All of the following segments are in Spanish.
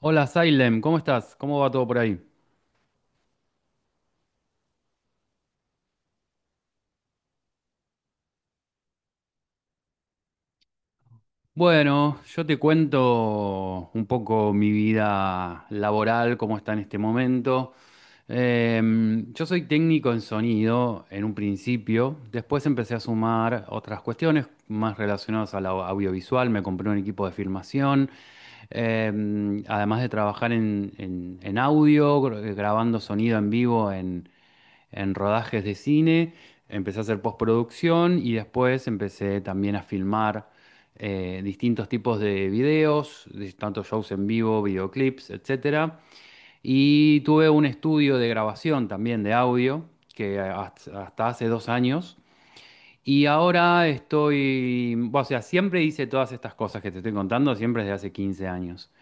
Hola Salem, ¿cómo estás? ¿Cómo va todo por ahí? Bueno, yo te cuento un poco mi vida laboral, cómo está en este momento. Yo soy técnico en sonido en un principio, después empecé a sumar otras cuestiones más relacionadas a la audiovisual, me compré un equipo de filmación, además de trabajar en, en audio, grabando sonido en vivo en rodajes de cine, empecé a hacer postproducción y después empecé también a filmar distintos tipos de videos, tanto shows en vivo, videoclips, etcétera. Y tuve un estudio de grabación también de audio, que hasta hace 2 años. Y ahora estoy, o sea, siempre hice todas estas cosas que te estoy contando, siempre desde hace 15 años.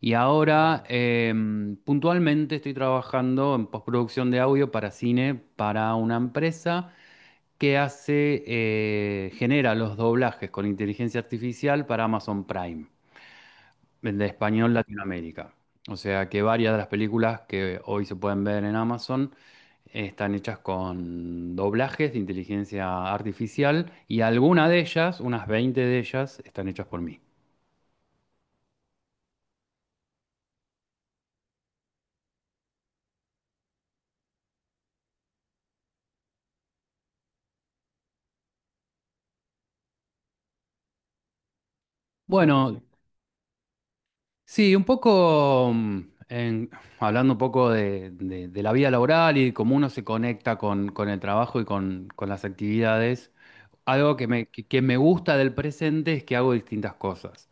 Y ahora, puntualmente, estoy trabajando en postproducción de audio para cine para una empresa que genera los doblajes con inteligencia artificial para Amazon Prime, el de español Latinoamérica. O sea que varias de las películas que hoy se pueden ver en Amazon están hechas con doblajes de inteligencia artificial y alguna de ellas, unas 20 de ellas, están hechas por mí. Bueno, sí, un poco, en- hablando un poco de la vida laboral y cómo uno se conecta con el trabajo y con las actividades. Algo que me gusta del presente es que hago distintas cosas.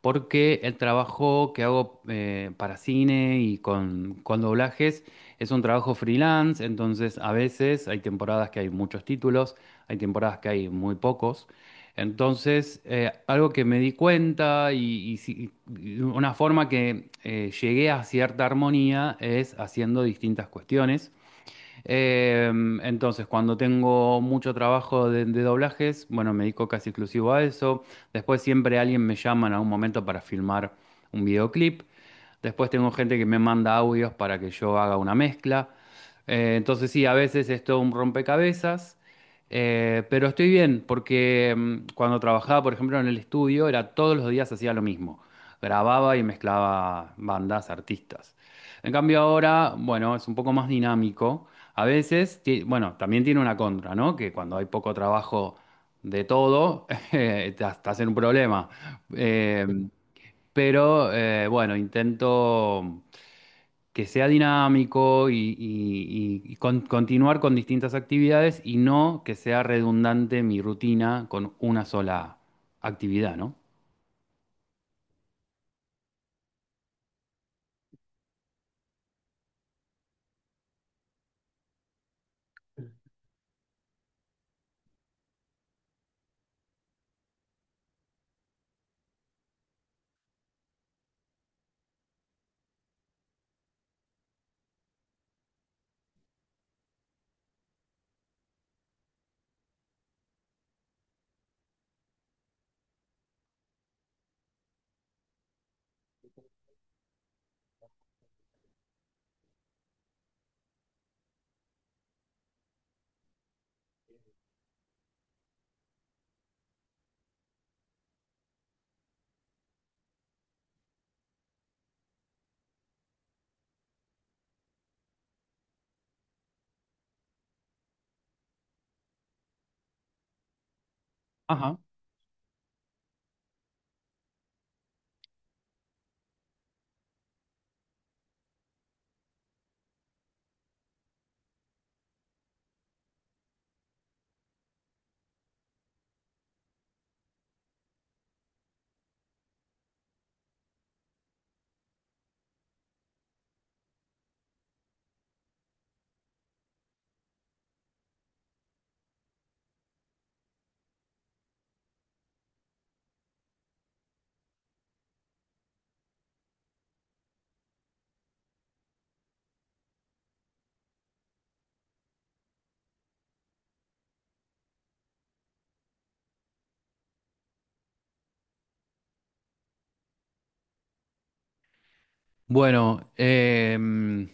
Porque el trabajo que hago para cine y con doblajes es un trabajo freelance, entonces a veces hay temporadas que hay muchos títulos, hay temporadas que hay muy pocos. Entonces, algo que me di cuenta y si- y una forma que llegué a cierta armonía es haciendo distintas cuestiones. Eh, entonces, cuando tengo mucho trabajo de doblajes, bueno, me dedico casi exclusivo a eso. Después siempre alguien me llama en algún momento para filmar un videoclip. Después tengo gente que me manda audios para que yo haga una mezcla. Entonces sí, a veces es todo un rompecabezas, pero estoy bien porque, cuando trabajaba, por ejemplo, en el estudio, era todos los días hacía lo mismo. Grababa y mezclaba bandas, artistas. En cambio ahora, bueno, es un poco más dinámico. A veces, bueno, también tiene una contra, ¿no? Que cuando hay poco trabajo de todo, estás en un problema. Eh, pero bueno, intento que sea dinámico y continuar con distintas actividades y no que sea redundante mi rutina con una sola actividad, ¿no? Ajá. Bueno,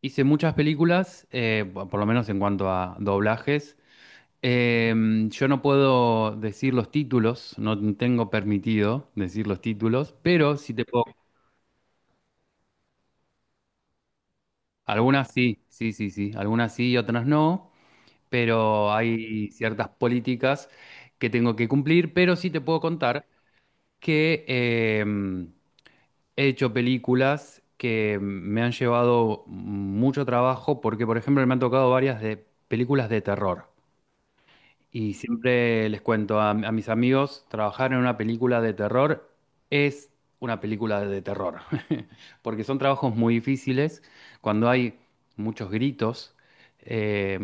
hice muchas películas, por lo menos en cuanto a doblajes. Yo no puedo decir los títulos, no tengo permitido decir los títulos, pero sí te puedo. Algunas sí, sí, sí, sí, algunas sí y otras no, pero hay ciertas políticas que tengo que cumplir, pero sí te puedo contar que, he hecho películas que me han llevado mucho trabajo, porque por ejemplo me han tocado varias de películas de terror. Y siempre les cuento a mis amigos, trabajar en una película de terror es una película de terror, porque son trabajos muy difíciles cuando hay muchos gritos. eh,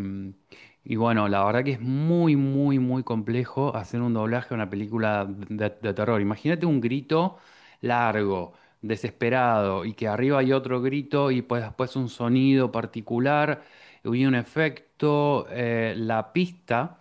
y bueno, la verdad que es muy, muy, muy complejo hacer un doblaje a una película de terror. Imagínate un grito largo, desesperado, y que arriba hay otro grito y pues después un sonido particular y un efecto. La pista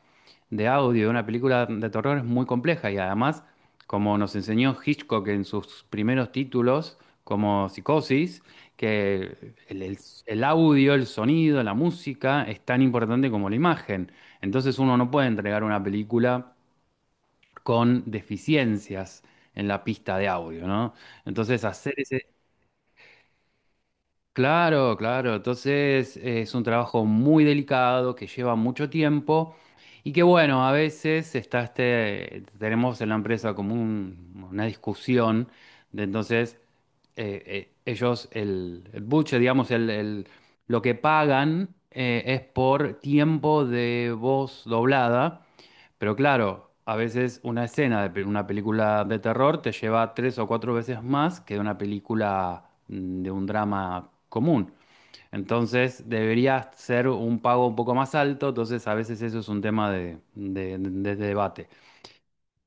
de audio de una película de terror es muy compleja y además, como nos enseñó Hitchcock en sus primeros títulos, como Psicosis, que el audio, el sonido, la música es tan importante como la imagen. Entonces uno no puede entregar una película con deficiencias en la pista de audio, ¿no? Entonces hacer ese... Claro, claro. Entonces es un trabajo muy delicado que lleva mucho tiempo y que bueno, a veces está tenemos en la empresa como una discusión de entonces, ellos, el buche, digamos, lo que pagan es por tiempo de voz doblada, pero claro, a veces una escena una película de terror te lleva 3 o 4 veces más que de una película, de un drama común. Entonces debería ser un pago un poco más alto, entonces a veces eso es un tema de debate.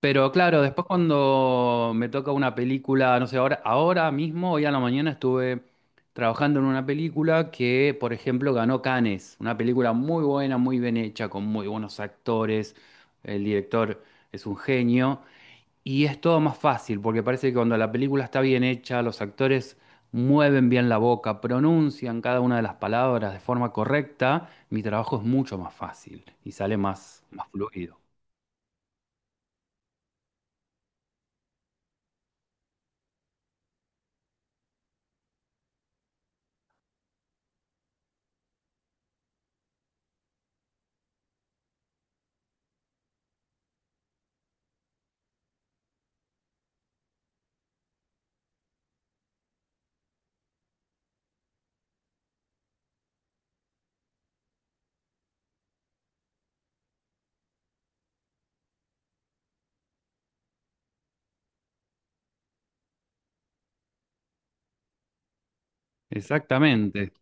Pero claro, después cuando me toca una película, no sé, ahora, ahora mismo, hoy a la mañana estuve trabajando en una película que, por ejemplo, ganó Cannes, una película muy buena, muy bien hecha, con muy buenos actores, el director es un genio, y es todo más fácil, porque parece que cuando la película está bien hecha, los actores mueven bien la boca, pronuncian cada una de las palabras de forma correcta, mi trabajo es mucho más fácil y sale más fluido. Exactamente.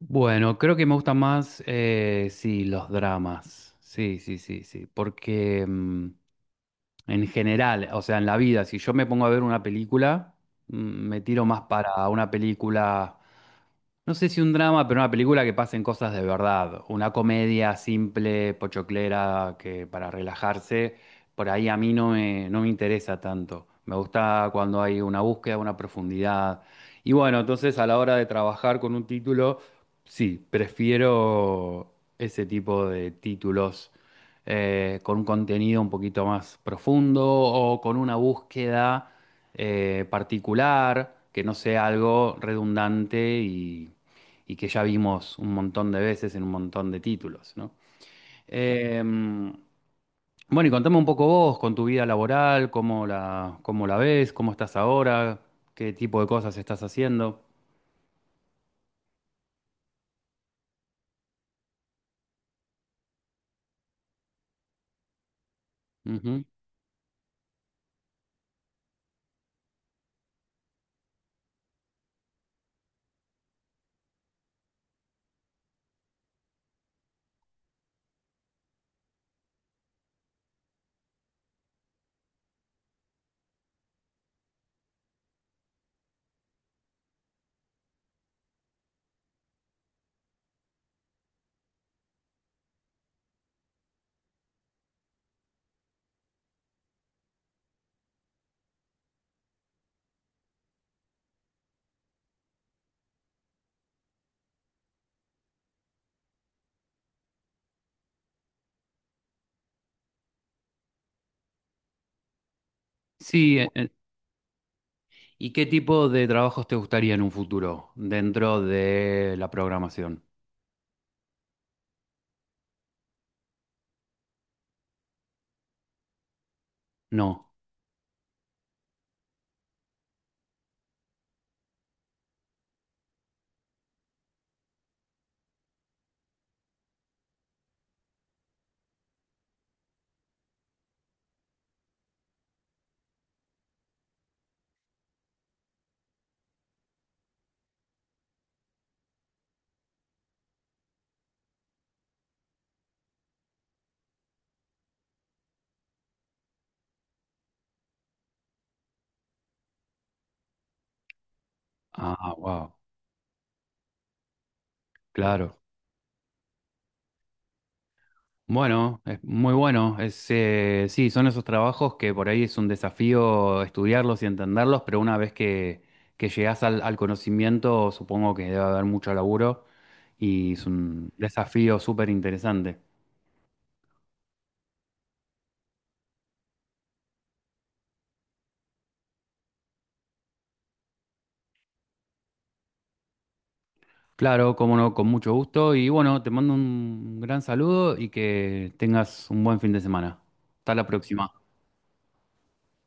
Bueno, creo que me gustan más, sí, los dramas. Sí, sí, sí, sí. Porque, en general, o sea, en la vida, si yo me pongo a ver una película, me tiro más para una película. No sé si un drama, pero una película que pasen cosas de verdad. Una comedia simple, pochoclera, que para relajarse, por ahí a mí no me interesa tanto. Me gusta cuando hay una búsqueda, una profundidad. Y bueno, entonces a la hora de trabajar con un título, sí, prefiero ese tipo de títulos con un contenido un poquito más profundo o con una búsqueda particular, que no sea algo redundante y que ya vimos un montón de veces en un montón de títulos, ¿no? Bueno, y contame un poco vos con tu vida laboral, cómo la ves, cómo estás ahora, qué tipo de cosas estás haciendo. Ujú. Sí, ¿y qué tipo de trabajos te gustaría en un futuro dentro de la programación? No. Ah, wow, claro. Bueno, es muy bueno. Es, sí, son esos trabajos que por ahí es un desafío estudiarlos y entenderlos, pero una vez que llegás al conocimiento, supongo que debe haber mucho laburo y es un desafío súper interesante. Claro, cómo no, con mucho gusto. Y bueno, te mando un gran saludo y que tengas un buen fin de semana. Hasta la próxima.